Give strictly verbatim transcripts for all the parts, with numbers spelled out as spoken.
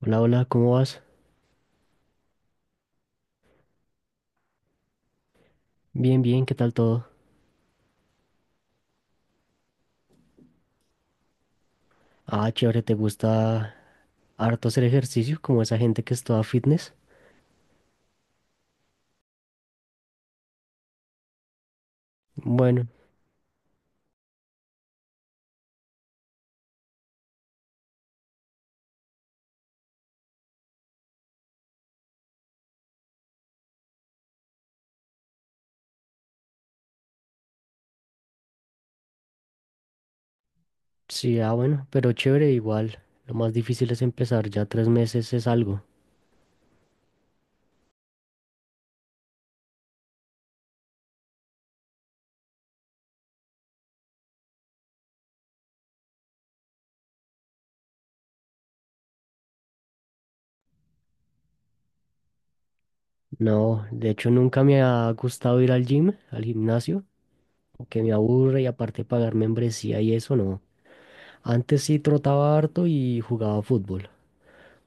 Hola, hola, ¿cómo vas? Bien, bien, ¿qué tal todo? Ah, chévere, ¿te gusta harto hacer ejercicio como esa gente que es toda fitness? Bueno, sí, ah, bueno, pero chévere igual. Lo más difícil es empezar, ya tres meses es algo. No, de hecho nunca me ha gustado ir al gym, al gimnasio, que me aburre y aparte pagar membresía y eso no. Antes sí trotaba harto y jugaba fútbol.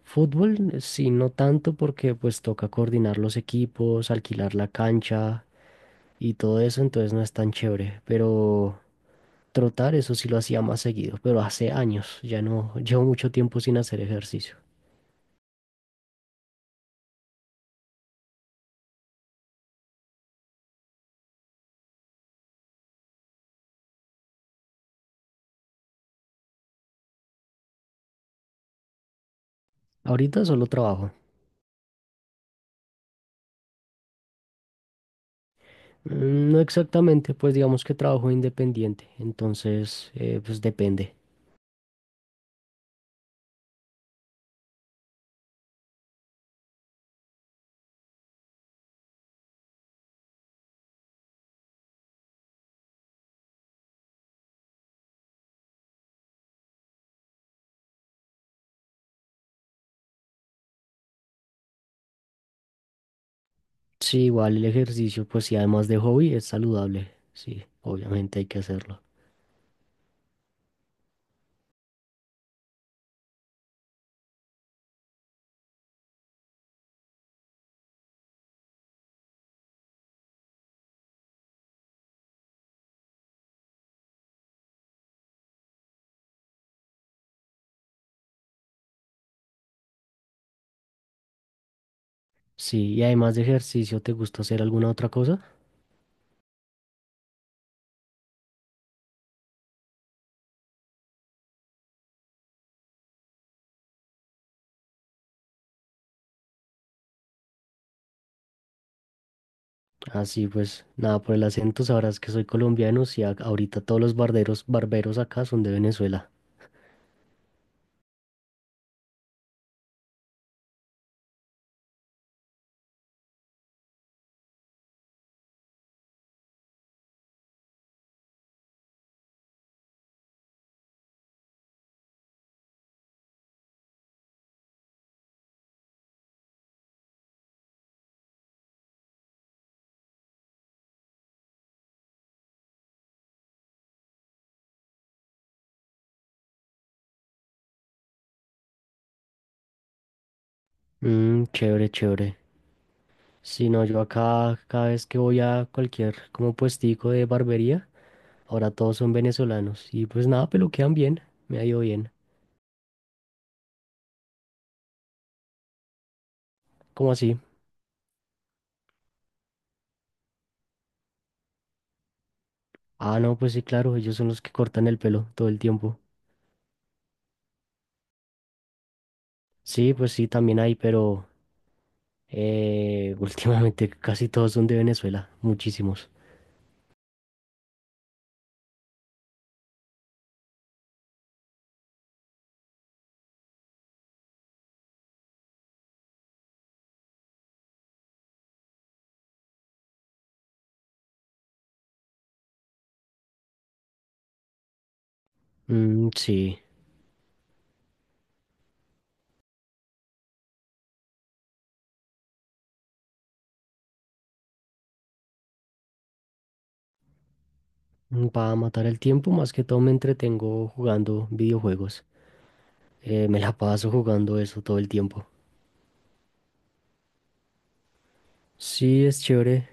Fútbol, eh, sí, no tanto porque pues toca coordinar los equipos, alquilar la cancha y todo eso, entonces no es tan chévere. Pero trotar, eso sí lo hacía más seguido, pero hace años, ya no, llevo mucho tiempo sin hacer ejercicio. Ahorita solo trabajo. Mm, No exactamente, pues digamos que trabajo independiente, entonces eh, pues depende. Sí, igual el ejercicio, pues sí, además de hobby, es saludable. Sí, obviamente hay que hacerlo. Sí, y además de ejercicio, ¿te gusta hacer alguna otra cosa? Así pues, nada, por el acento sabrás que soy colombiano, sí, a- ahorita todos los barberos, barberos acá son de Venezuela. Mm, chévere, chévere. Si no, yo acá cada vez que voy a cualquier como puestico de barbería, ahora todos son venezolanos y pues nada, peluquean bien, me ha ido bien. ¿Cómo así? Ah, no, pues sí, claro, ellos son los que cortan el pelo todo el tiempo. Sí, pues sí, también hay, pero eh, últimamente casi todos son de Venezuela, muchísimos. Mm, sí, para matar el tiempo más que todo me entretengo jugando videojuegos. Eh, me la paso jugando eso todo el tiempo. Sí, es chévere.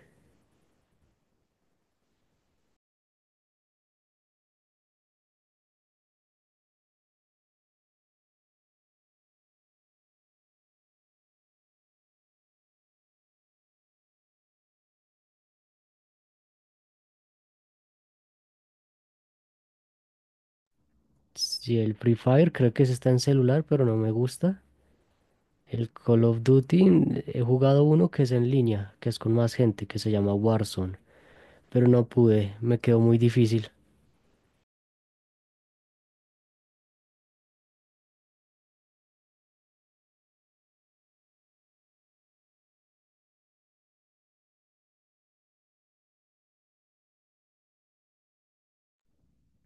Sí, el Free Fire creo que se está en celular, pero no me gusta. El Call of Duty mm, he jugado uno que es en línea, que es con más gente, que se llama Warzone, pero no pude, me quedó muy difícil.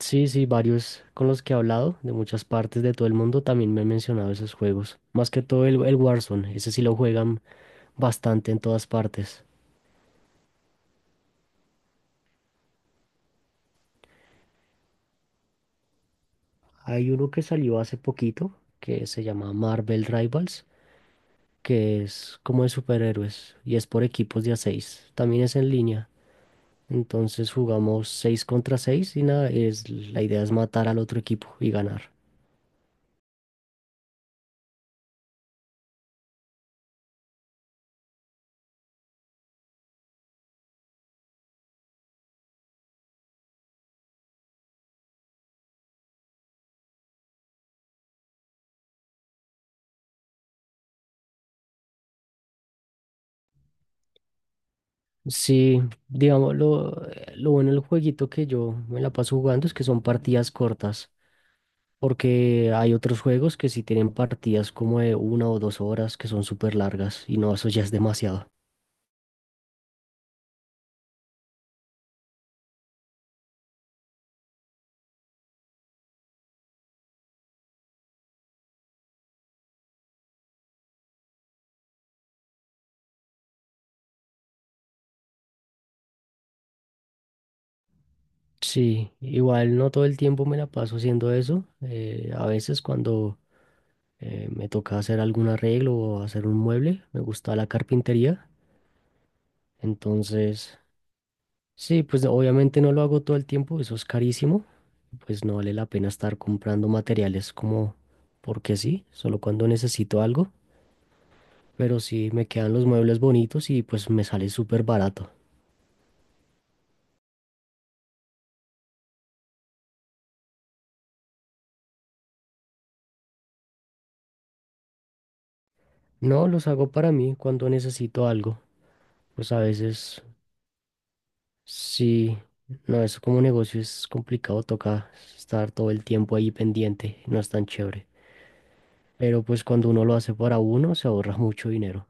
Sí, sí, varios con los que he hablado de muchas partes de todo el mundo también me han mencionado esos juegos. Más que todo el, el Warzone, ese sí lo juegan bastante en todas partes. Hay uno que salió hace poquito que se llama Marvel Rivals, que es como de superhéroes y es por equipos de a seis. También es en línea. Entonces jugamos seis contra seis y nada, es, la idea es matar al otro equipo y ganar. Sí, digamos, lo, lo bueno del jueguito que yo me la paso jugando es que son partidas cortas, porque hay otros juegos que sí tienen partidas como de una o dos horas que son súper largas y no, eso ya es demasiado. Sí, igual no todo el tiempo me la paso haciendo eso. Eh, a veces cuando eh, me toca hacer algún arreglo o hacer un mueble, me gusta la carpintería. Entonces, sí, pues obviamente no lo hago todo el tiempo, eso es carísimo. Pues no vale la pena estar comprando materiales como porque sí, solo cuando necesito algo. Pero sí me quedan los muebles bonitos y pues me sale súper barato. No, los hago para mí cuando necesito algo. Pues a veces sí, no, eso como negocio es complicado, toca estar todo el tiempo ahí pendiente, no es tan chévere. Pero pues cuando uno lo hace para uno, se ahorra mucho dinero.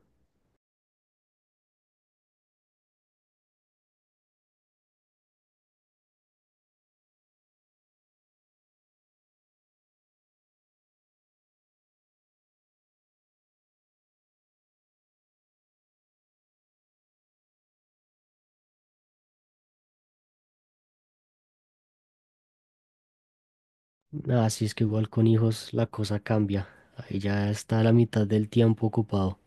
Así es que igual con hijos la cosa cambia. Ahí ya está la mitad del tiempo ocupado.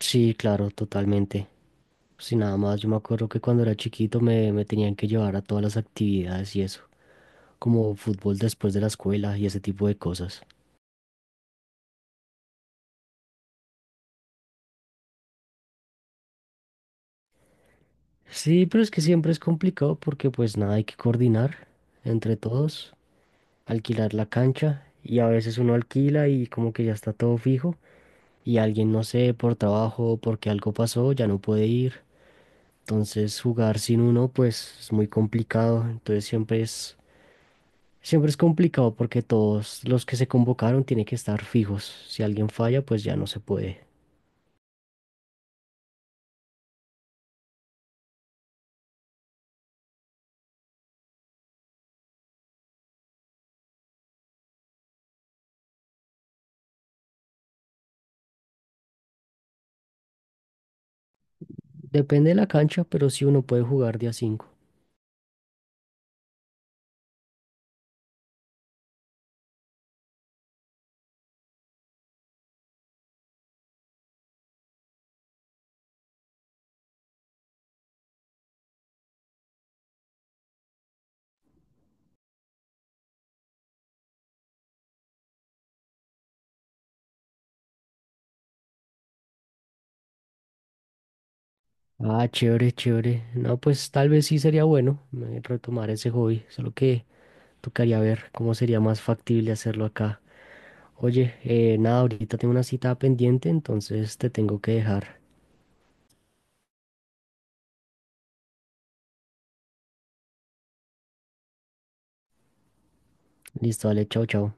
Sí, claro, totalmente. Sí, nada más, yo me acuerdo que cuando era chiquito me, me tenían que llevar a todas las actividades y eso, como fútbol después de la escuela y ese tipo de cosas. Sí, pero es que siempre es complicado porque pues nada, hay que coordinar entre todos, alquilar la cancha y a veces uno alquila y como que ya está todo fijo y alguien, no sé, por trabajo o porque algo pasó, ya no puede ir. Entonces jugar sin uno pues es muy complicado. Entonces siempre es, siempre es complicado porque todos los que se convocaron tienen que estar fijos. Si alguien falla pues ya no se puede. Depende de la cancha, pero sí uno puede jugar día cinco. Ah, chévere, chévere. No, pues tal vez sí sería bueno eh, retomar ese hobby, solo que tocaría ver cómo sería más factible hacerlo acá. Oye, eh, nada, ahorita tengo una cita pendiente, entonces te tengo que dejar. Listo, dale, chao, chao.